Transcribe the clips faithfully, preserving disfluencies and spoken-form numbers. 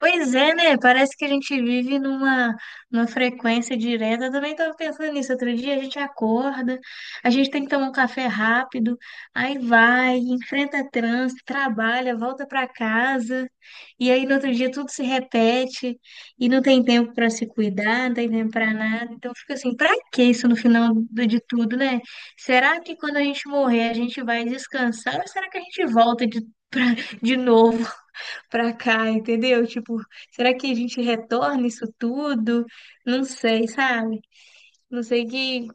Pois é, né? Parece que a gente vive numa, numa frequência direta. Eu também estava pensando nisso. Outro dia a gente acorda, a gente tem que tomar um café rápido, aí vai, enfrenta trânsito, trabalha, volta para casa, e aí no outro dia tudo se repete, e não tem tempo para se cuidar, não tem tempo para nada. Então fica assim, para que isso no final do- de tudo, né? Será que quando a gente morrer a gente vai descansar ou será que a gente volta de, pra, de novo? Pra cá, entendeu? Tipo, será que a gente retorna isso tudo? Não sei, sabe? Não sei que,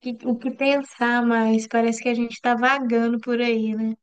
que- o que pensar mais. Parece que a gente tá vagando por aí, né?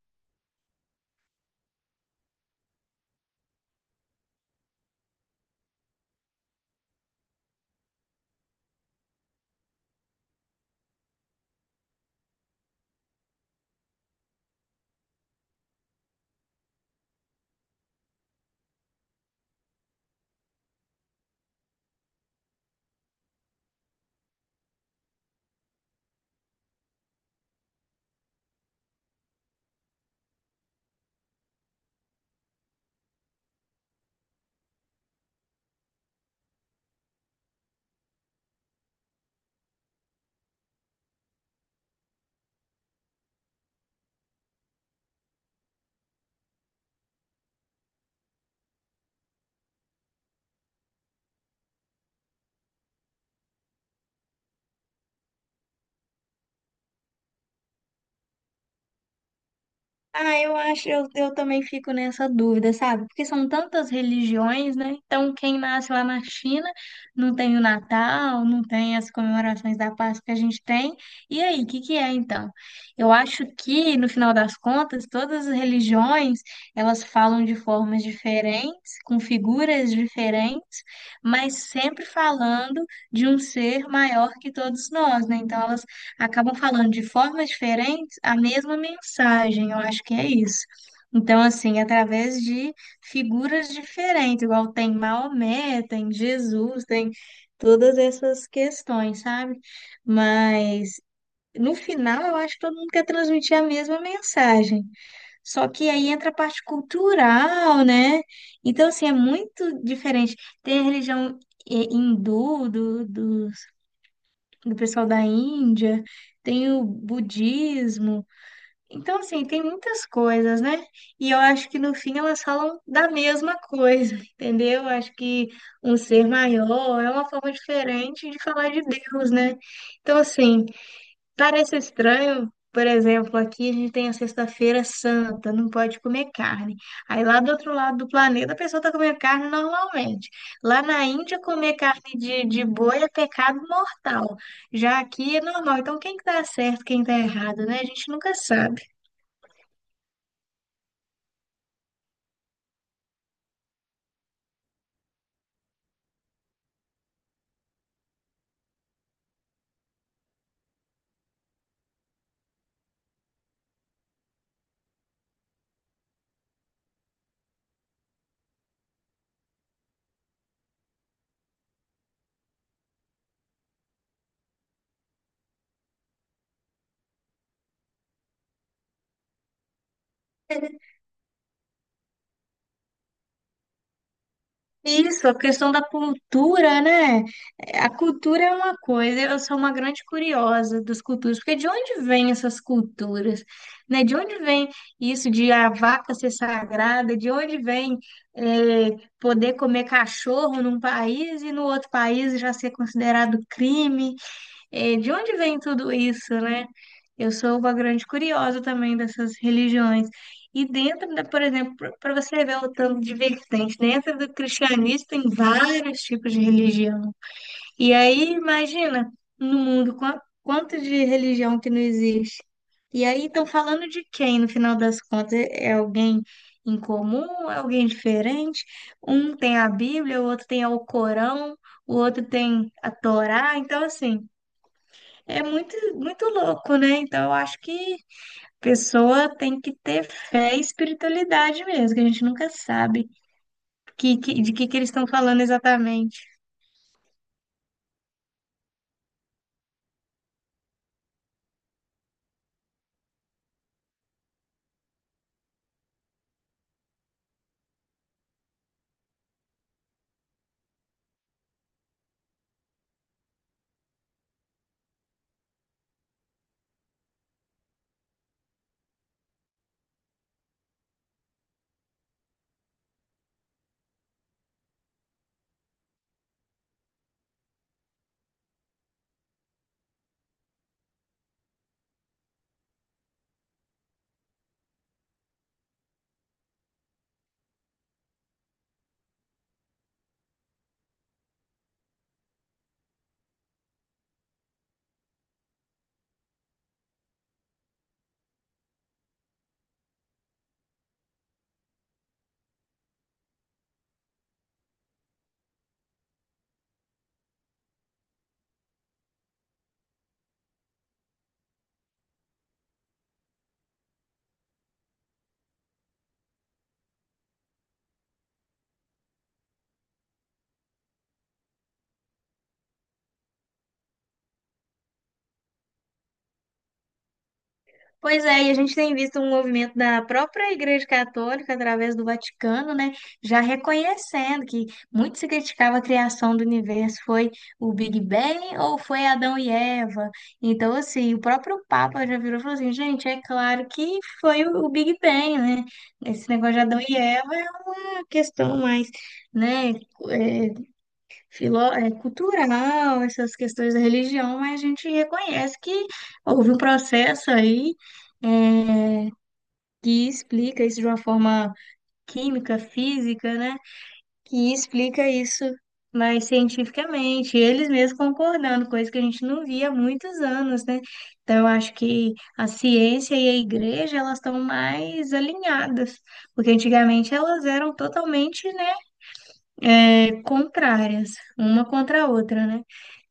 Ah, eu acho, eu, eu também fico nessa dúvida, sabe? Porque são tantas religiões, né? Então, quem nasce lá na China não tem o Natal, não tem as comemorações da Páscoa que a gente tem. E aí, o que que é então? Eu acho que, no final das contas, todas as religiões, elas falam de formas diferentes, com figuras diferentes, mas sempre falando de um ser maior que todos nós, né? Então, elas acabam falando de formas diferentes a mesma mensagem, eu acho que é isso. Então, assim, através de figuras diferentes, igual tem Maomé, tem Jesus, tem todas essas questões, sabe? Mas no final eu acho que todo mundo quer transmitir a mesma mensagem. Só que aí entra a parte cultural, né? Então, assim, é muito diferente. Tem a religião eh, hindu, do, do do pessoal da Índia, tem o budismo. Então, assim, tem muitas coisas, né? E eu acho que no fim elas falam da mesma coisa, entendeu? Eu acho que um ser maior é uma forma diferente de falar de Deus, né? Então, assim. Parece estranho, por exemplo, aqui a gente tem a Sexta-feira Santa, não pode comer carne. Aí lá do outro lado do planeta a pessoa tá comendo carne normalmente. Lá na Índia, comer carne de, de boi é pecado mortal. Já aqui é normal. Então, quem que tá certo, quem tá errado, né? A gente nunca sabe. Isso, a questão da cultura, né? É, A cultura é uma coisa, eu sou uma grande curiosa das culturas, porque de onde vêm essas culturas, né? De onde vem isso de a vaca ser sagrada? De onde vem é, poder comer cachorro num país e no outro país já ser considerado crime? É, de onde vem tudo isso, né? Eu sou uma grande curiosa também dessas religiões. E dentro da, por exemplo, para você ver o tanto de vertente, dentro do cristianismo tem vários tipos de religião. E aí, imagina, no mundo, qua- quanto de religião que não existe. E aí, estão falando de quem, no final das contas? É é alguém em comum? É alguém diferente? Um tem a Bíblia, o outro tem o Corão, o outro tem a Torá. Então, assim. É muito, muito louco, né? Então, eu acho que a pessoa tem que ter fé e espiritualidade mesmo, que a gente nunca sabe que, que- de que, que eles estão falando exatamente. Pois é, e a gente tem visto um movimento da própria Igreja Católica, através do Vaticano, né, já reconhecendo que muito se criticava a criação do universo, foi o Big Bang ou foi Adão e Eva? Então, assim, o próprio Papa já virou e falou assim, gente, é claro que foi o o Big Bang, né? Esse negócio de Adão e Eva é uma questão mais, né, é, filo, é, cultural, essas questões da religião, mas a gente reconhece que houve um processo aí é, que explica isso de uma forma química, física, né? Que explica isso mais cientificamente, eles mesmos concordando, coisa que a gente não via há muitos anos, né? Então, eu acho que a ciência e a igreja, elas estão mais alinhadas, porque antigamente elas eram totalmente, né? é, contrárias, uma contra a outra, né?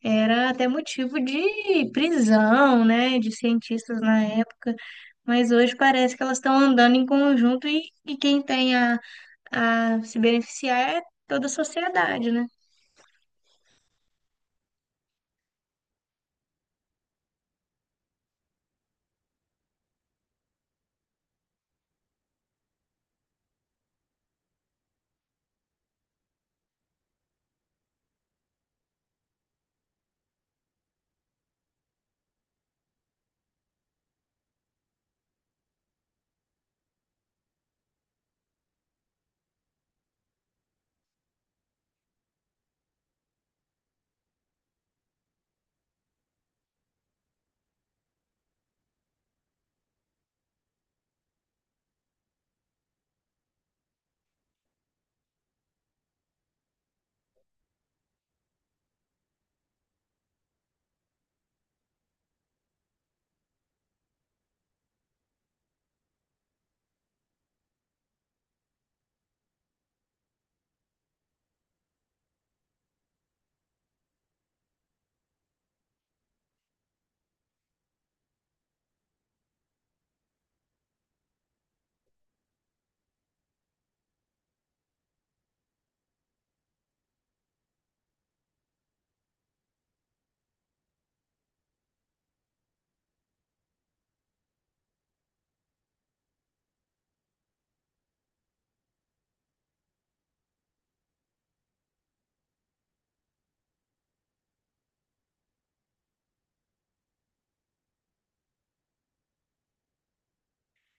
Era até motivo de prisão, né, de cientistas na época, mas hoje parece que elas estão andando em conjunto e, e quem tem a, a se beneficiar é toda a sociedade, né?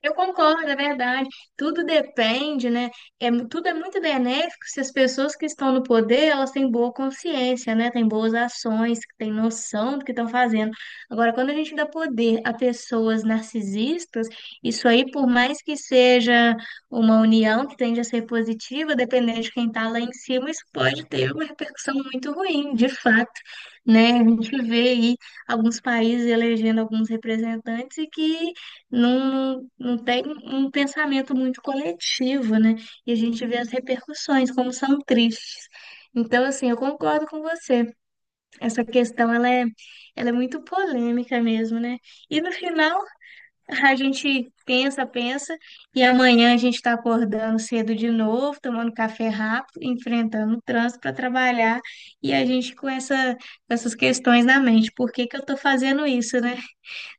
Eu concordo, é verdade. Tudo depende, né? É, mu- tudo é muito benéfico se as pessoas que estão no poder, elas têm boa consciência, né? Têm boas ações, que têm noção do que estão fazendo. Agora, quando a gente dá poder a pessoas narcisistas, isso aí, por mais que seja uma união que tende a ser positiva, dependendo de quem está lá em cima, isso pode ter uma repercussão muito ruim, de fato, né? A gente vê aí alguns países elegendo alguns representantes e que não, não tem um pensamento muito coletivo, né? E a gente vê as repercussões, como são tristes. Então, assim, eu concordo com você. Essa questão, ela é, ela é muito polêmica mesmo, né? E no final, a gente pensa, pensa, e amanhã a gente está acordando cedo de novo, tomando café rápido, enfrentando o trânsito para trabalhar, e a gente com essa, com essas questões na mente. Por que que eu estou fazendo isso, né?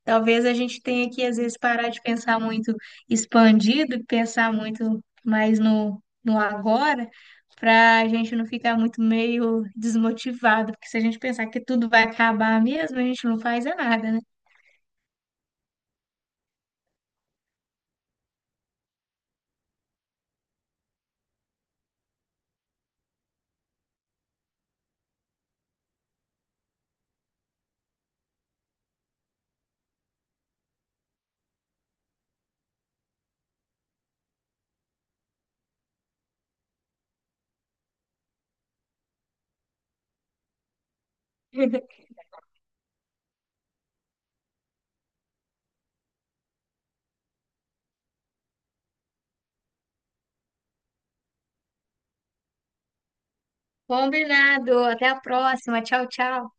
Talvez a gente tenha que, às vezes, parar de pensar muito expandido e pensar muito mais no, no agora, para a gente não ficar muito meio desmotivado, porque se a gente pensar que tudo vai acabar mesmo, a gente não faz é nada, né? Combinado. Até a próxima. Tchau, tchau.